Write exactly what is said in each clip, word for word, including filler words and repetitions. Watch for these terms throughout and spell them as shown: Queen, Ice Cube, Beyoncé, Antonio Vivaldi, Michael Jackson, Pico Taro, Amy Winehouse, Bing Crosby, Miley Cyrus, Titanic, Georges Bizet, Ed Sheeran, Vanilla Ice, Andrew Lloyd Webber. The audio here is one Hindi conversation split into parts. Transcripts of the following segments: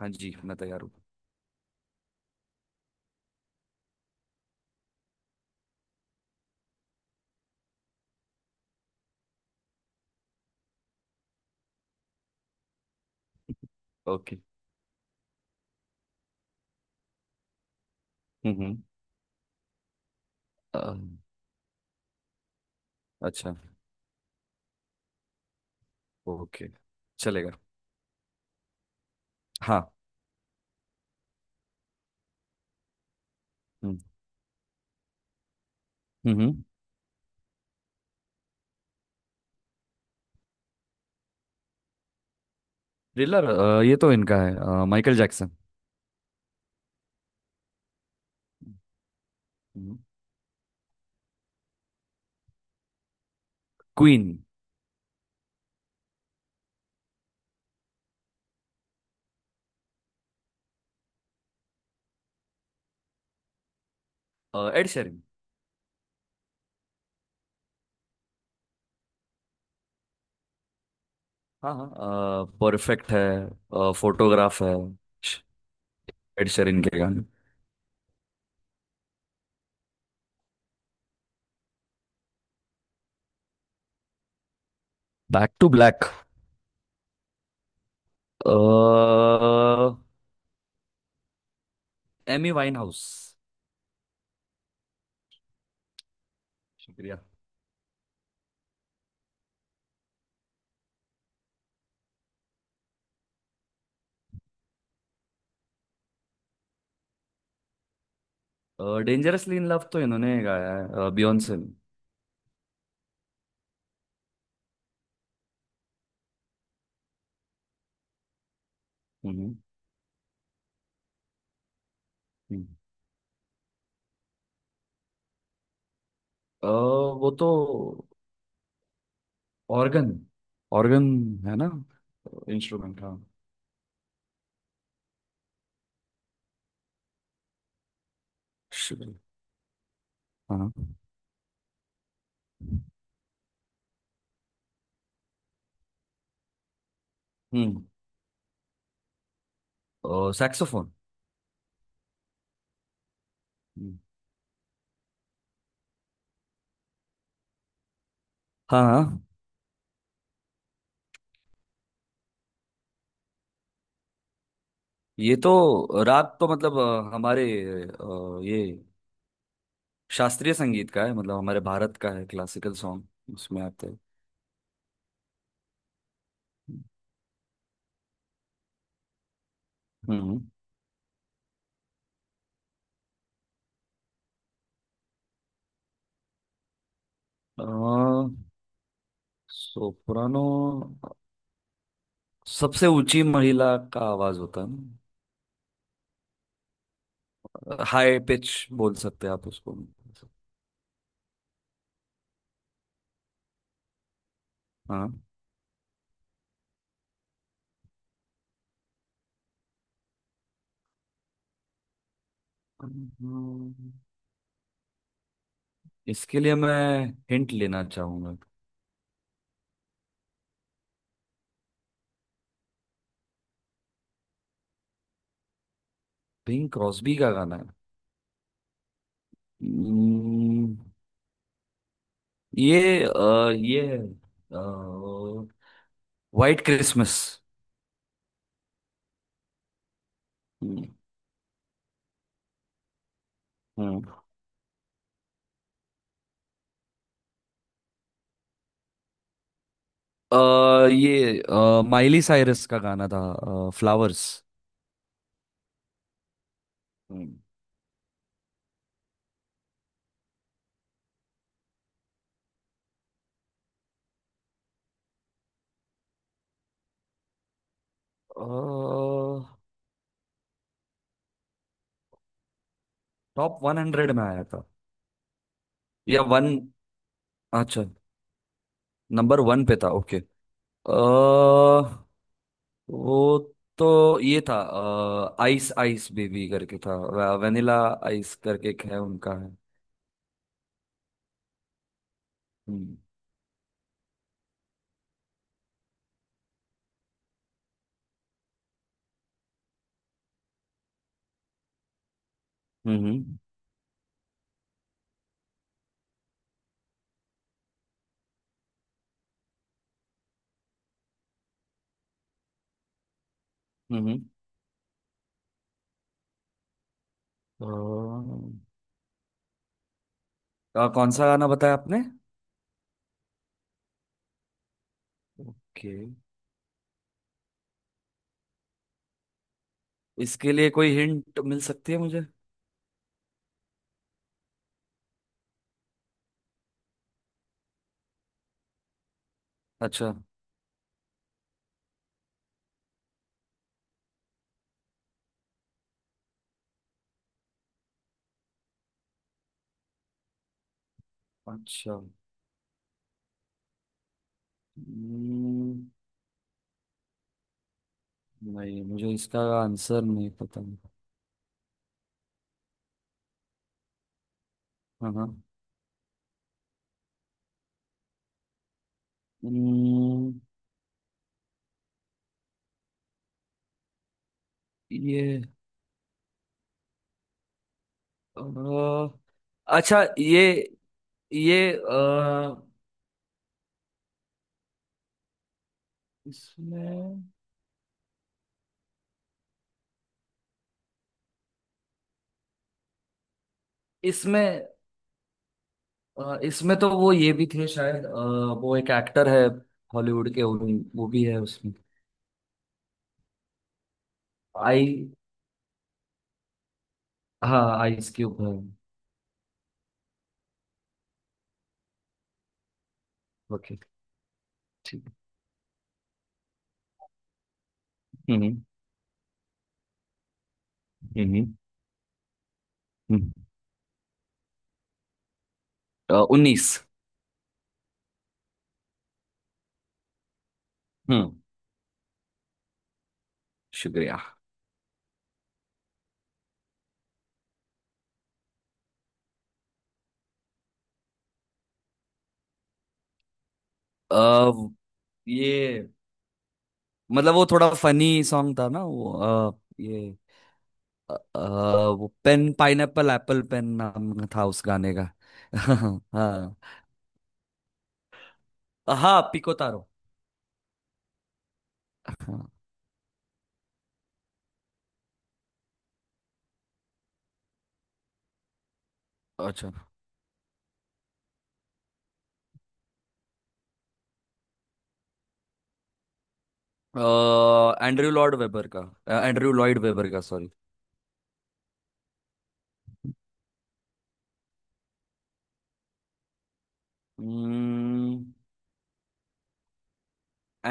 हाँ जी, मैं तैयार हूँ। ओके। हम्म। हम्म। अ, अच्छा। ओके। चलेगा। हाँ। हम्म। हम्म। थ्रिलर। ये तो इनका है, अ, माइकल जैक्सन। हम्म। क्वीन। अ, एड शेरिन। हाँ, हाँ, परफेक्ट है। अ, फोटोग्राफ है। श- एड शेरिन के गाने। Back to black. अ, एमी वाइनहाउस। शुक्रिया। डेंजरसली इन लव तो इन्होंने गाया है, बियॉन्से ने। हम्म। हम्म। अ, वो तो ऑर्गन। ऑर्गन है ना। इंस्ट्रूमेंट, हाँ। शिट। हाँ। हम्म। ओ, सैक्सोफोन। हाँ, हाँ। ये तो, राग तो मतलब अ, हमारे अ, ये शास्त्रीय संगीत का है, मतलब हमारे भारत का है, क्लासिकल सॉन्ग उसमें आते हैं। हम्म। सोप्रानो सबसे ऊंची महिला का आवाज होता है ना। हाई पिच बोल सकते हैं आप उसको। हाँ। इसके लिए मैं हिंट लेना चाहूंगा। पिंक क्रॉस्बी का गाना है। Hmm, ये, अ, ये है व्हाइट क्रिसमस। हम्म। अ, ये अ, माइली साइरस का गाना था। फ्लावर्स। टॉप वन हंड्रेड में आया था। या वन। अच्छा। नंबर वन पे था। ओके। अ, वो तो ये था, आइस आइस बेबी करके था। वेनिला आइस करके एक है, उनका है। हम्म। हम्म। हम्म। हम्म। अ, अ, कौन सा गाना बताया आपने। के इसके लिए कोई हिंट मिल सकती है मुझे। अच्छा। अच्छा। हम्म। नहीं, मुझे इसका आंसर नहीं पता। हाँ, हाँ। हम्म। ये, अ, अच्छा, ये ये इसमें इसमें अ, इसमें तो वो ये भी थे शायद, अ, वो एक एक्टर है। हॉलीवुड के, उन- वो भी है उसमें। आई हाँ, आइस क्यूब है। ओके। ठीक। हम्म। हम्म। हम्म। उन्नीस। हम्म। शुक्रिया। अ, ये, मतलब वो थोड़ा फनी सॉन्ग था ना वो, अ, ये, अ, अ, वो पेन पाइनएप्पल एप्पल पेन नाम था उस गाने का। हाँ। हाँ, पिको तारो। हाँ। अच्छा। एंड्रयू लॉर्ड वेबर का। एंड्रयू लॉयड वेबर का, सॉरी।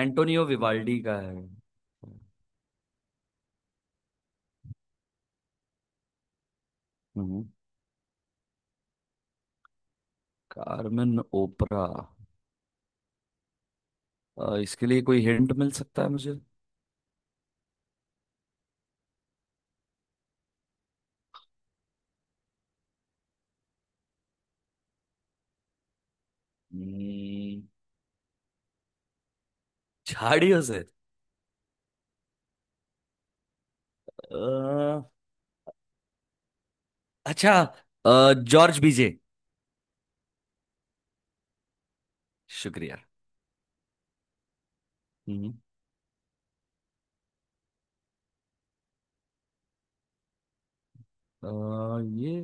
एंटोनियो विवाल्डी का है। हम्म। कार्मेन ओपरा, अ, इसके लिए कोई हिंट मिल सकता है मुझे। हम्म। झाड़ियों से। अ, अच्छा। अ, जॉर्ज बीजे। शुक्रिया। हम्म। अ, ये,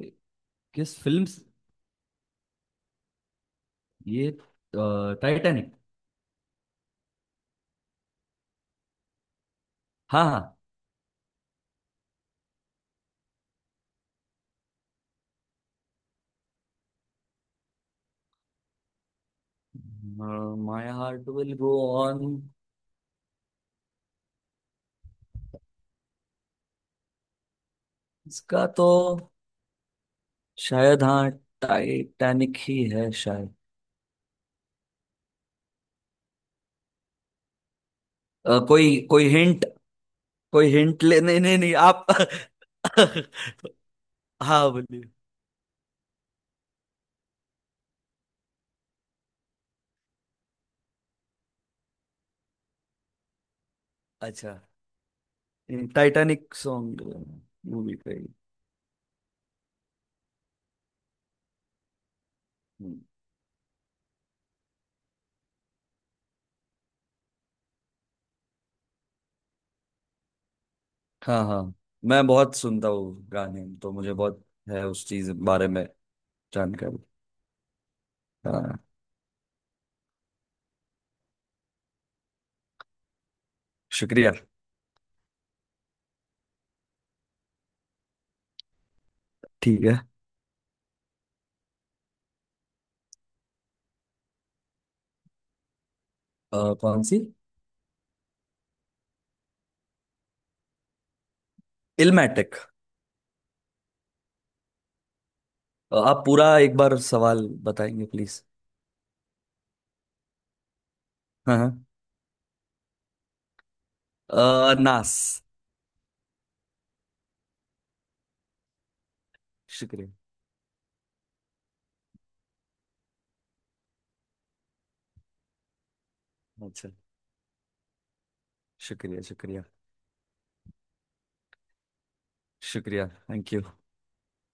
किस फिल्म से- ये टाइटैनिक। हाँ, हाँ। My heart will go on. इसका तो शायद, हाँ, टाइटैनिक ही है शायद। अ, कोई कोई हिंट, कोई हिंट ले, नहीं, नहीं, नहीं, आप। हाँ, बोलिए। अच्छा। टाइटैनिक सॉन्ग, मूवी का ही। हम्म। हाँ, हाँ। मैं बहुत सुनता हूँ गाने, तो मुझे बहुत है उस चीज बारे में जानकारी। हाँ। शुक्रिया। ठीक है। अ, कौन सी। इल्मेटिक। आप पूरा एक बार सवाल बताएंगे प्लीज। हाँ, हाँ। अ, नास। शुक्रिया। अच्छा। शुक्रिया, शुक्रिया। शुक्रिया, थैंक यू।